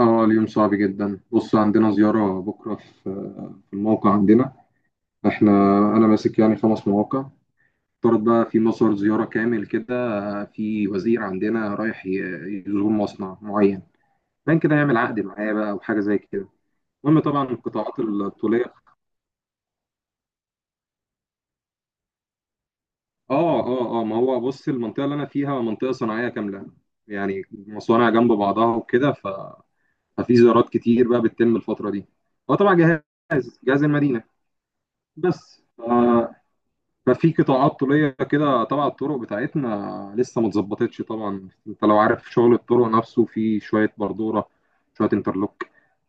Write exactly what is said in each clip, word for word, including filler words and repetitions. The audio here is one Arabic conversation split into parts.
اه، اليوم صعب جدا. بص، عندنا زيارة بكرة في في الموقع عندنا. احنا انا ماسك يعني خمس مواقع. افترض بقى في مصر زيارة كامل كده، في وزير عندنا رايح ي- يزور مصنع معين، كان كده يعمل عقد معاه بقى او حاجة زي كده. المهم، طبعا القطاعات الطولية. اه اه اه ما هو بص، المنطقة اللي انا فيها منطقة صناعية كاملة، يعني مصانع جنب بعضها وكده، ف... ففي زيارات كتير بقى بتتم الفترة دي. هو طبعا جهاز جهاز المدينة بس. ففي قطاعات طوليه كده تبع الطرق بتاعتنا لسه ما اتظبطتش. طبعا انت لو عارف شغل الطرق نفسه، في شويه بردوره، شويه انترلوك،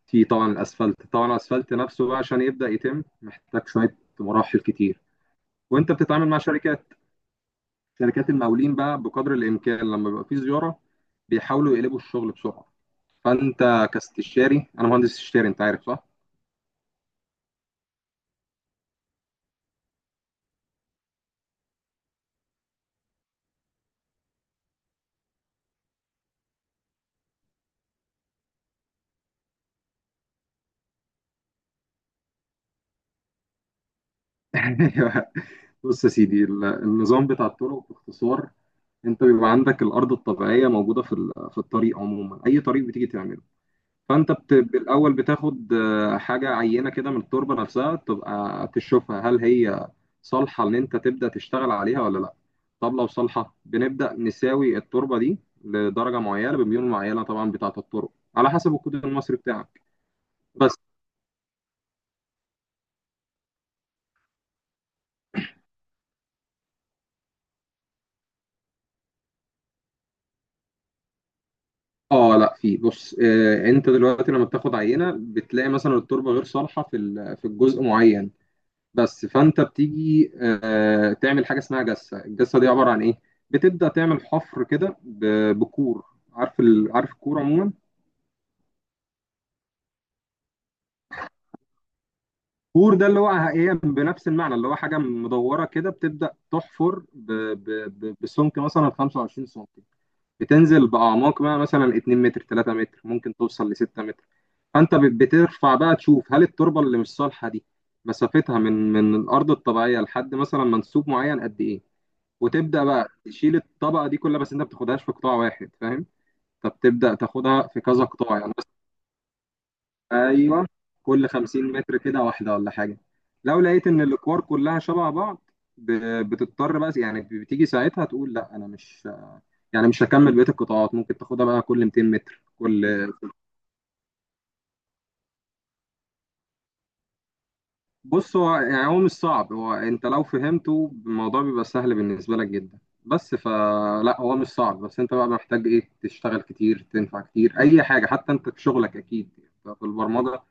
في طبعا الاسفلت. طبعا الاسفلت نفسه بقى عشان يبدا يتم محتاج شويه مراحل كتير. وانت بتتعامل مع شركات شركات المقاولين بقى، بقدر الامكان لما بيبقى في زياره بيحاولوا يقلبوا الشغل بسرعه. فانت كاستشاري، انا مهندس استشاري انت عارف، صح؟ بص يا سيدي، ال- النظام بتاع الطرق باختصار: انت بيبقى عندك الارض الطبيعيه موجوده في ال- في الطريق عموما، اي طريق بتيجي تعمله. فانت بت... بالاول بتاخد آه، حاجه عينه كده من التربه نفسها، تبقى تشوفها هل هي صالحه ان انت تبدا تشتغل عليها ولا لا. طب لو صالحه، بنبدا نساوي التربه دي لدرجه معينه بميول معينه، طبعا بتاعه الطرق على حسب الكود المصري بتاعك، بس. اه، لا، في. بص آه انت دلوقتي لما بتاخد عينه بتلاقي مثلا التربه غير صالحه في ال- في الجزء معين، بس. فانت بتيجي آه، تعمل حاجه اسمها جسه. الجسه دي عباره عن ايه؟ بتبدا تعمل حفر كده ب- بكور. عارف ال... عارف الكور عموما؟ كور ده اللي هو ايه، بنفس المعنى اللي هو حاجه مدوره كده، بتبدا تحفر ب... ب... ب... بسمك مثلا خمسة وعشرين سم، بتنزل باعماق بقى مثلا اتنين متر، ثلاثة متر، ممكن توصل ل ستة متر. فانت بت- بترفع بقى تشوف هل التربه اللي مش صالحه دي مسافتها من من الارض الطبيعيه لحد مثلا منسوب معين قد ايه. وتبدا بقى تشيل الطبقه دي كلها، بس انت ما بتاخدهاش في قطاع واحد، فاهم؟ فبتبدا تاخدها في كذا قطاع يعني، بس. ايوه، كل خمسين متر كده واحده ولا حاجه. لو لقيت ان الاكوار كلها شبه بعض، ب- بتضطر بقى، يعني بتيجي ساعتها تقول لا، انا مش يعني مش هكمل بقيه القطاعات، ممكن تاخدها بقى كل ميتين متر، كل. بص هو يعني هو مش صعب، هو انت لو فهمته الموضوع بيبقى سهل بالنسبه لك جدا، بس. فلا، هو مش صعب، بس انت بقى محتاج ايه، تشتغل كتير، تنفع كتير اي حاجه، حتى انت في شغلك اكيد، يعني في البرمجه،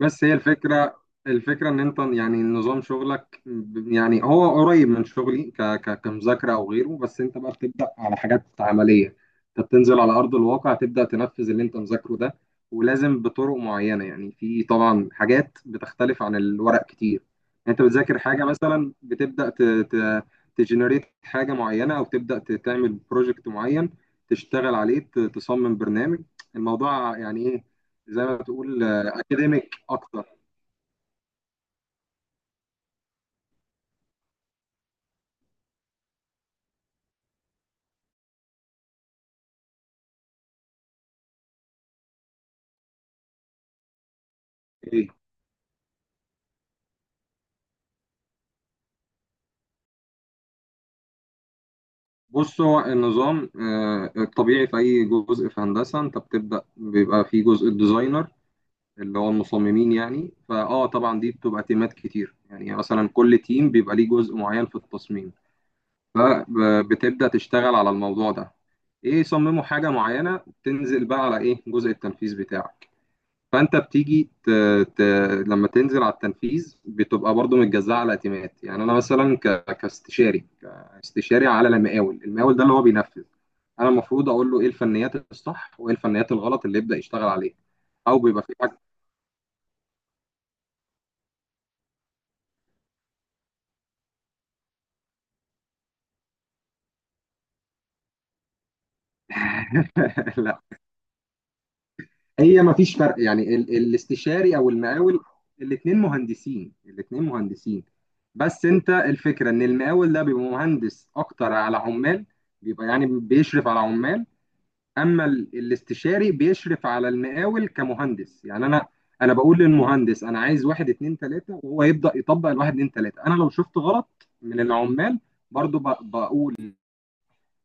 بس. هي الفكرة، الفكرة إن أنت يعني نظام شغلك ب- يعني هو قريب من شغلي ك ك كمذاكرة أو غيره، بس أنت بقى بتبدأ على حاجات عملية، أنت بتنزل على أرض الواقع، تبدأ تنفذ اللي أنت مذاكره ده، ولازم بطرق معينة. يعني في طبعا حاجات بتختلف عن الورق كتير. يعني أنت بتذاكر حاجة مثلا، بتبدأ ت ت تجنريت حاجة معينة، أو تبدأ ت- تعمل بروجكت معين، تشتغل عليه، ت- تصمم برنامج. الموضوع يعني إيه، زي ما بتقول أكاديميك. اكتر. ايه، بص هو النظام آه، الطبيعي في اي جزء في هندسه انت بتبدا بيبقى في جزء الديزاينر، اللي هو المصممين يعني. فاه طبعا دي بتبقى تيمات كتير، يعني مثلا كل تيم بيبقى ليه جزء معين في التصميم، فبتبدا تشتغل على الموضوع ده. ايه، يصمموا حاجه معينه، تنزل بقى على ايه، جزء التنفيذ بتاعك. فانت بتيجي ت... ت... لما تنزل على التنفيذ بتبقى برضو متجزأة على تيمات. يعني انا مثلا ك... كاستشاري كاستشاري على المقاول، المقاول ده اللي هو بينفذ. انا المفروض اقول له ايه الفنيات الصح وايه الفنيات الغلط اللي يبدأ يشتغل عليها، او بيبقى في حاجه. لا، هي ما فيش فرق يعني، ال... الاستشاري او المقاول الاثنين مهندسين، الاثنين مهندسين. بس انت الفكره ان المقاول ده بيبقى مهندس اكتر على عمال، بيبقى يعني بيشرف على عمال. اما ال- الاستشاري بيشرف على المقاول كمهندس. يعني انا انا بقول للمهندس انا عايز واحد اتنين تلاته، وهو يبدا يطبق الواحد اتنين تلاته. انا لو شفت غلط من العمال برضو ب- بقول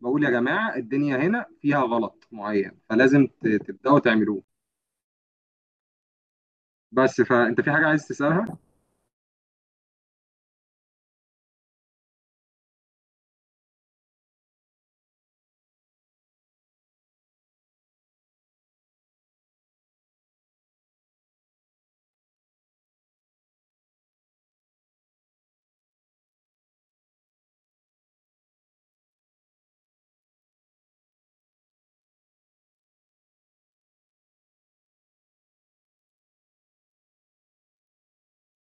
بقول يا جماعه الدنيا هنا فيها غلط معين فلازم ت- تبداوا تعملوه، بس. فانت في حاجه عايز تسالها؟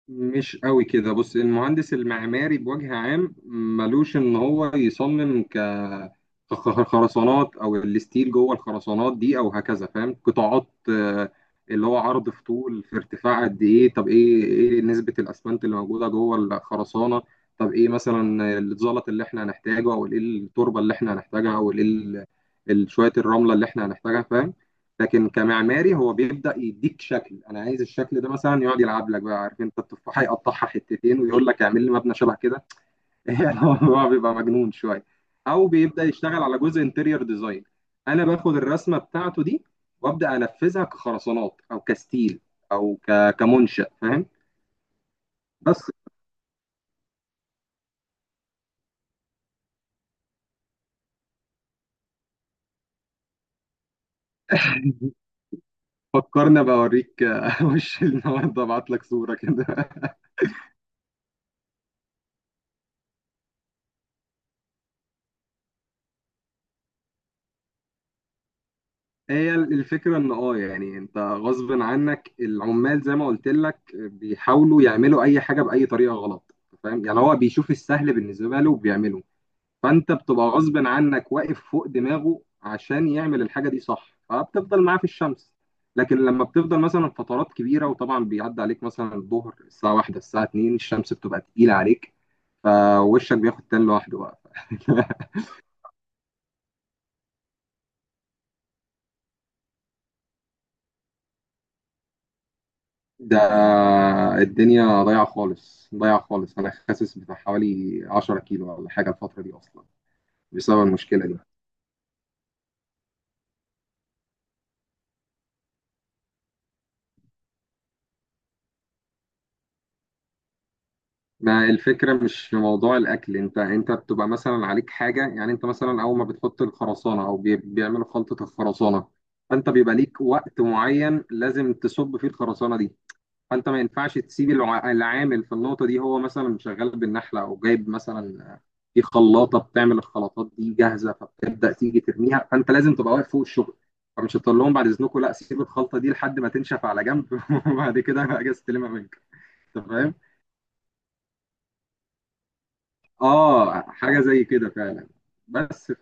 مش قوي كده. بص، المهندس المعماري بوجه عام ملوش ان هو يصمم ك خ- خرسانات او الستيل جوه الخرسانات دي او هكذا، فاهم؟ قطاعات آه، اللي هو عرض في طول في ارتفاع قد ايه. طب ايه ايه نسبة الاسمنت اللي موجودة جوه الخرسانة؟ طب ايه مثلا الزلط اللي احنا هنحتاجه، او ايه التربة اللي احنا هنحتاجها، او ايه ال- ال- شوية الرملة اللي احنا هنحتاجها، فاهم؟ لكن كمعماري هو بيبدا يديك شكل، انا عايز الشكل ده مثلا، يقعد يلعب لك بقى، عارف انت التفاحه يقطعها حتتين ويقول لك اعمل لي مبنى شبه كده. يعني هو بيبقى مجنون شويه. او بيبدا يشتغل على جزء انتيريور ديزاين. انا باخد الرسمه بتاعته دي وابدا انفذها كخرسانات او كستيل او ك... كمنشا، فاهم؟ بس. فكرنا بوريك. وش النهارده ابعت لك صوره كده. هي الفكرة ان اه يعني انت غصب عنك العمال زي ما قلت لك بيحاولوا يعملوا اي حاجة بأي طريقة غلط، فاهم؟ يعني هو بيشوف السهل بالنسبة له وبيعمله. فانت بتبقى غصب عنك واقف فوق دماغه عشان يعمل الحاجة دي صح، فبتفضل معاه في الشمس. لكن لما بتفضل مثلا فترات كبيرة وطبعا بيعدي عليك مثلا الظهر الساعة واحدة الساعة اتنين، الشمس بتبقى تقيلة عليك، فوشك بياخد تان لوحده بقى. ده الدنيا ضايعة خالص، ضايعة خالص. أنا خاسس بتاع حوالي عشرة كيلو ولا حاجة الفترة دي أصلا، بسبب المشكلة دي. ما الفكرة مش في موضوع الأكل. أنت أنت بتبقى مثلا عليك حاجة، يعني أنت مثلا أول ما بتحط الخرسانة أو بي- بيعملوا خلطة الخرسانة، فأنت بيبقى ليك وقت معين لازم تصب فيه الخرسانة دي، فانت ما ينفعش تسيب الع- العامل في النقطه دي. هو مثلا شغال بالنحله او جايب مثلا في خلاطه بتعمل الخلاطات دي جاهزه، فبتبدا تيجي ترميها، فانت لازم تبقى واقف فوق الشغل. فمش هتقول لهم بعد اذنكم لا، سيب الخلطه دي لحد ما تنشف على جنب. وبعد كده اجي استلمها منك. انت فاهم. اه، حاجه زي كده فعلا، بس.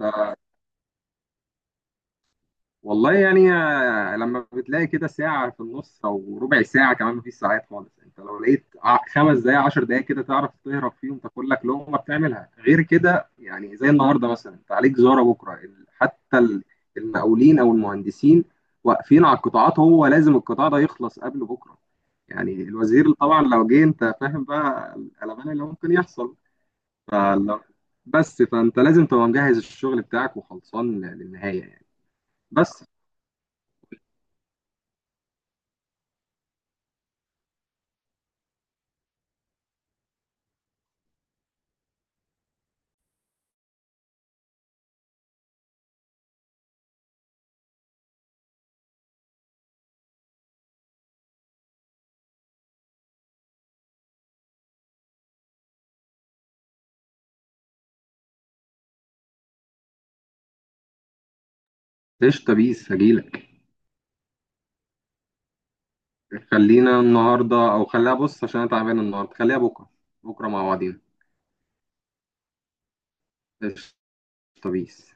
والله يعني آه، لما بتلاقي كده ساعة في النص أو ربع ساعة كمان، مفيش ساعات خالص. أنت لو لقيت ع- خمس دقايق عشر دقايق كده تعرف تهرب فيهم تاكل لك لقمة، بتعملها، غير كده يعني. زي النهاردة مثلا أنت عليك زيارة بكرة، ال- حتى ال- المقاولين أو المهندسين واقفين على القطاعات، هو لازم القطاع ده يخلص قبل بكرة، يعني الوزير طبعا لو جه أنت فاهم بقى القلبان اللي ممكن يحصل. فلو بس فأنت لازم تبقى مجهز الشغل بتاعك وخلصان للنهاية يعني، بس. قشطة، بيس هجيلك. خلينا النهاردة، أو خليها، بص عشان أنا تعبان النهاردة خليها بكرة، بكرة مع بعضينا. قشطة، بيس.